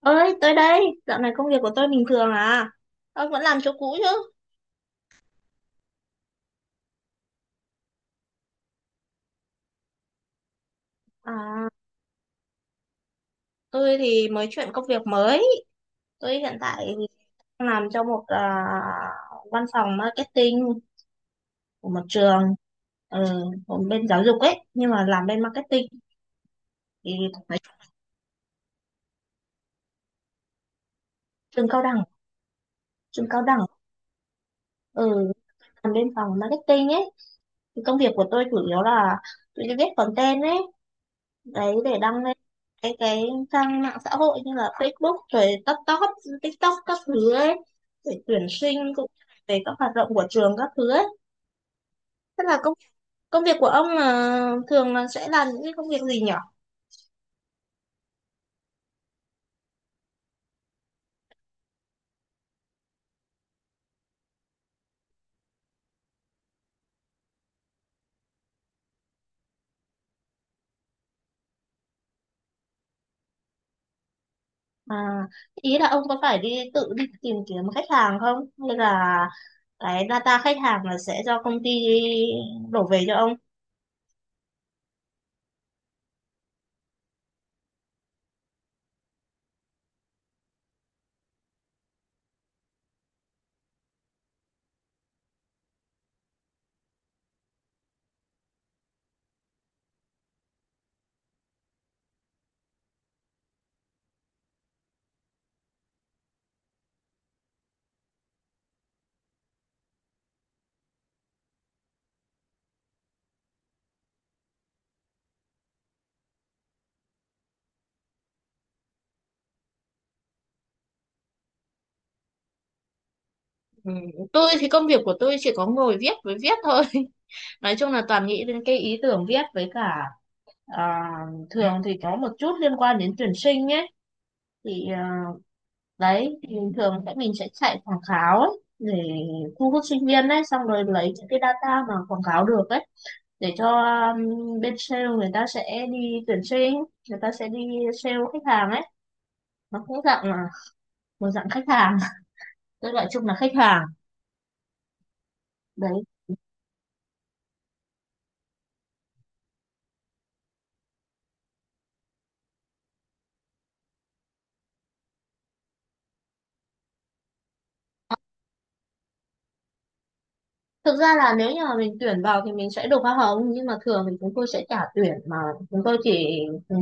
Ơi tới đây dạo này công việc của tôi bình thường à. Ông vẫn làm chỗ cũ chứ? À, tôi thì mới chuyển công việc mới. Tôi hiện tại đang làm cho một văn phòng marketing của một trường ờ, ở bên giáo dục ấy, nhưng mà làm bên marketing thì phải. Trường cao đẳng. Trường cao đẳng. Ừ, làm bên phòng marketing ấy, thì công việc của tôi chủ yếu là tôi viết content ấy, đấy để đăng lên cái trang mạng xã hội như là Facebook rồi TikTok, TikTok các thứ ấy, để tuyển sinh cũng như là về các hoạt động của trường các thứ ấy. Thế là công công việc của ông là thường là sẽ làm những cái công việc gì nhỉ? À, ý là ông có phải đi tự đi tìm kiếm khách hàng không, hay là cái data khách hàng là sẽ do công ty đổ về cho ông? Ừ, tôi thì công việc của tôi chỉ có ngồi viết với viết thôi. Nói chung là toàn nghĩ đến cái ý tưởng viết với cả. À, thường thì có một chút liên quan đến tuyển sinh nhé. Thì đấy thì thường sẽ mình sẽ chạy quảng cáo ấy, để thu hút sinh viên ấy, xong rồi lấy những cái data mà quảng cáo được ấy, để cho bên sale người ta sẽ đi tuyển sinh, người ta sẽ đi sale khách hàng ấy. Nó cũng dạng là một dạng khách hàng. Tôi gọi chung là khách hàng đấy. Thực ra là nếu như mà mình tuyển vào thì mình sẽ được hoa hồng, nhưng mà thường thì chúng tôi sẽ trả tuyển mà, chúng tôi chỉ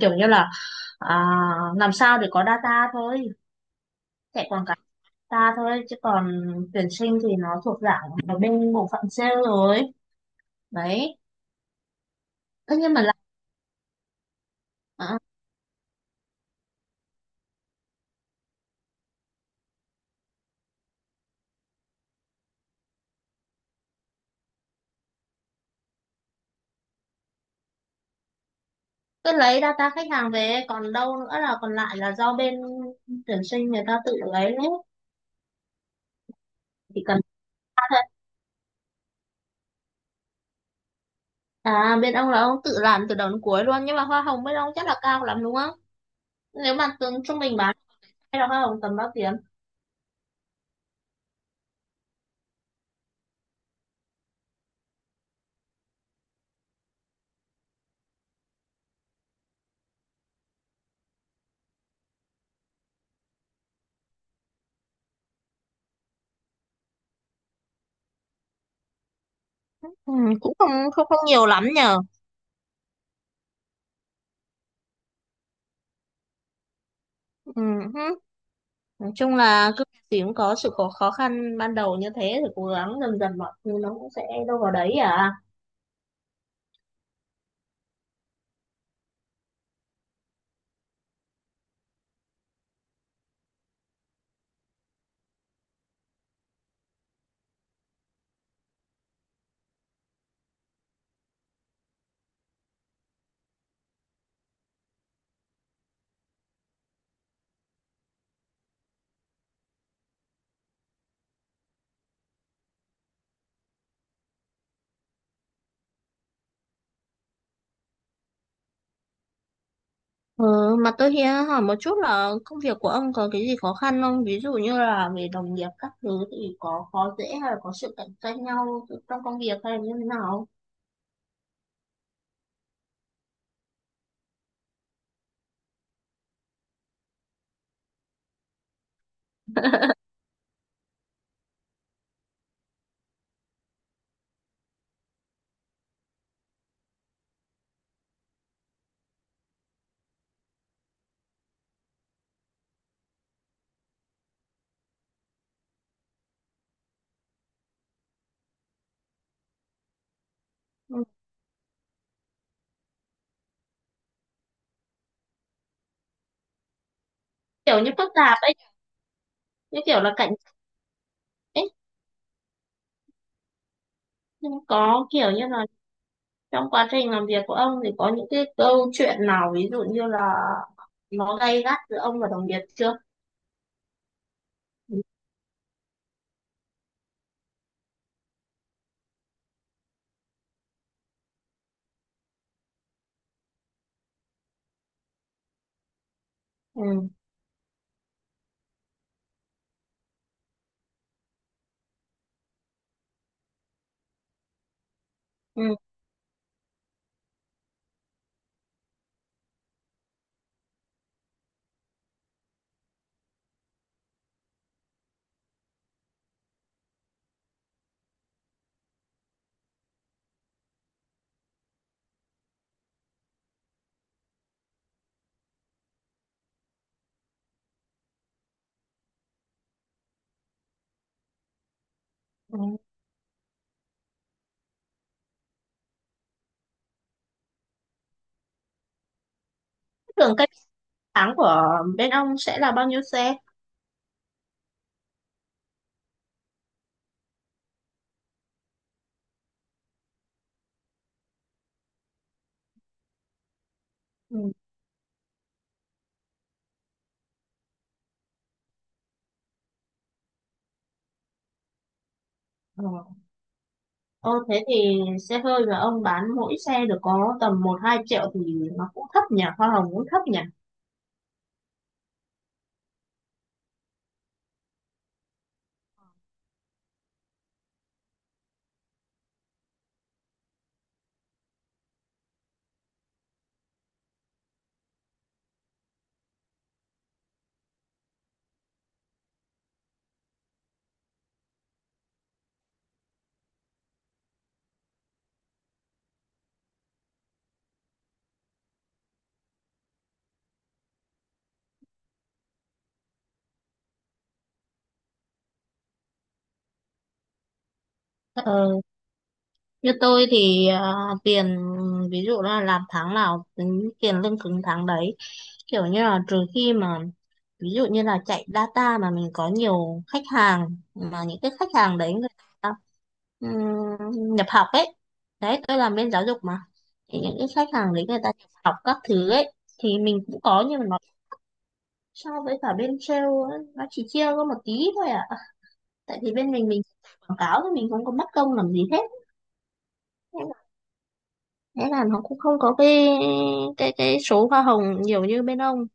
kiểu như là. À, làm sao để có data thôi, chạy quảng cáo data thôi, chứ còn tuyển sinh thì nó thuộc dạng ở bên bộ phận sale rồi đấy. Thế nhưng mà là à, cứ lấy data khách hàng về, còn đâu nữa là còn lại là do bên tuyển sinh người ta tự lấy đấy, chỉ cần. À, bên ông là ông tự làm từ đầu đến cuối luôn, nhưng mà hoa hồng bên ông chắc là cao lắm đúng không? Nếu mà tương trung bình bán, hay là hoa hồng tầm bao tiền? Ừ, cũng không không không nhiều lắm nhờ. Ừ. Nói chung là cứ gì cũng có sự khó khó khăn ban đầu, như thế thì cố gắng dần dần mọi thứ nó cũng sẽ đâu vào đấy à. Ừ, mà tôi hiện hỏi một chút là công việc của ông có cái gì khó khăn không? Ví dụ như là về đồng nghiệp các thứ thì có khó dễ, hay là có sự cạnh tranh nhau trong công việc, hay là như thế nào? Ừ, kiểu như phức tạp ấy, như kiểu là cạnh tranh ấy. Nhưng có kiểu như là trong quá trình làm việc của ông thì có những cái câu chuyện nào ví dụ như là nó gay gắt giữa ông và đồng nghiệp chưa? Ừ. Ừ. Ừ. Tưởng tháng của bên ông sẽ là bao nhiêu xe? Ừ. Ờ. Ờ, thế thì xe hơi mà ông bán mỗi xe được có tầm 1-2 triệu, thì nó cũng thấp nhỉ, hoa hồng cũng thấp nhỉ. Ờ, như tôi thì tiền, ví dụ là làm tháng nào tính tiền lương cứng tháng đấy, kiểu như là trừ khi mà ví dụ như là chạy data mà mình có nhiều khách hàng, mà những cái khách hàng đấy người ta nhập học ấy, đấy tôi làm bên giáo dục mà, thì những cái khách hàng đấy người ta nhập học các thứ ấy thì mình cũng có, nhưng mà nó so với cả bên sale ấy, nó chỉ chia có một tí thôi à, tại vì bên mình quảng cáo thì mình không có mất công làm gì hết. Thế là nó cũng không có cái số hoa hồng nhiều như bên ông.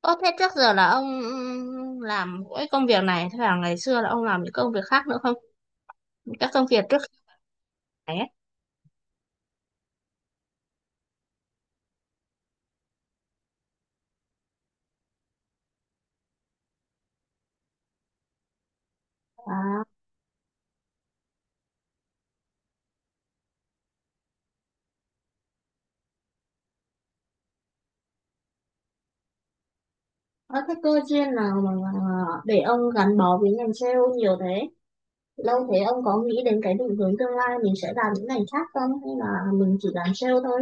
Ơ, thế trước giờ là ông làm mỗi công việc này, thế là ngày xưa là ông làm những công việc khác nữa không? Các công việc trước này ấy. À, có cái cơ duyên nào mà để ông gắn bó với ngành sale nhiều thế? Lâu thế ông có nghĩ đến cái định hướng tương lai mình sẽ làm những ngành khác không? Hay là mình chỉ làm sale thôi?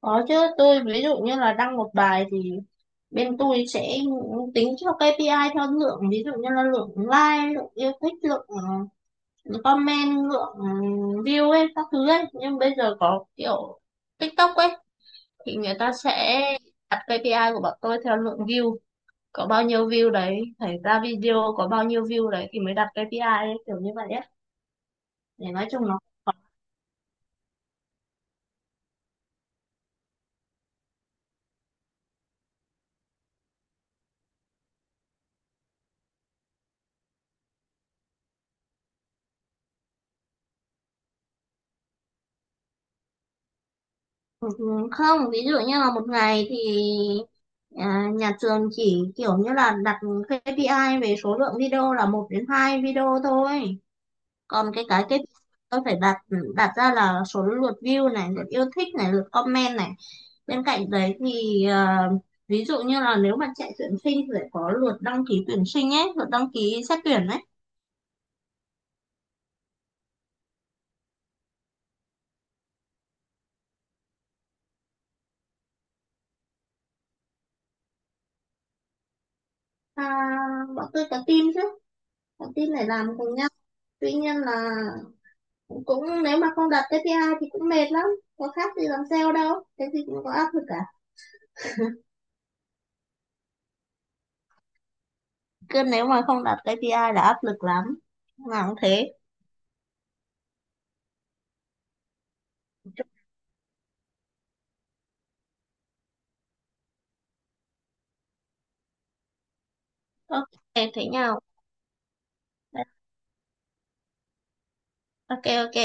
Có chứ, tôi ví dụ như là đăng một bài thì bên tôi sẽ tính theo KPI theo lượng, ví dụ như là lượng like, lượng yêu thích, lượng comment, lượng view ấy, các thứ ấy. Nhưng bây giờ có kiểu TikTok ấy, thì người ta sẽ đặt KPI của bọn tôi theo lượng view. Có bao nhiêu view đấy, phải ra video có bao nhiêu view đấy thì mới đặt KPI ấy, kiểu như vậy ấy. Để nói chung nó. Ừ, không, ví dụ như là một ngày thì nhà trường chỉ kiểu như là đặt KPI về số lượng video là một đến hai video thôi, còn cái tôi phải đặt đặt ra là số lượt view này, lượt yêu thích này, lượt comment này, bên cạnh đấy thì ví dụ như là nếu mà chạy tuyển sinh thì phải có lượt đăng ký tuyển sinh ấy, lượt đăng ký xét tuyển ấy. À, bọn tôi có team chứ, có team để làm cùng nhau. Tuy nhiên là cũng, nếu mà không đặt KPI thì cũng mệt lắm, có khác gì làm sale đâu, cái gì cũng có áp lực cả. Cứ nếu mà không đặt KPI là áp lực lắm, nào cũng thế. OK thế nhau. OK, OK.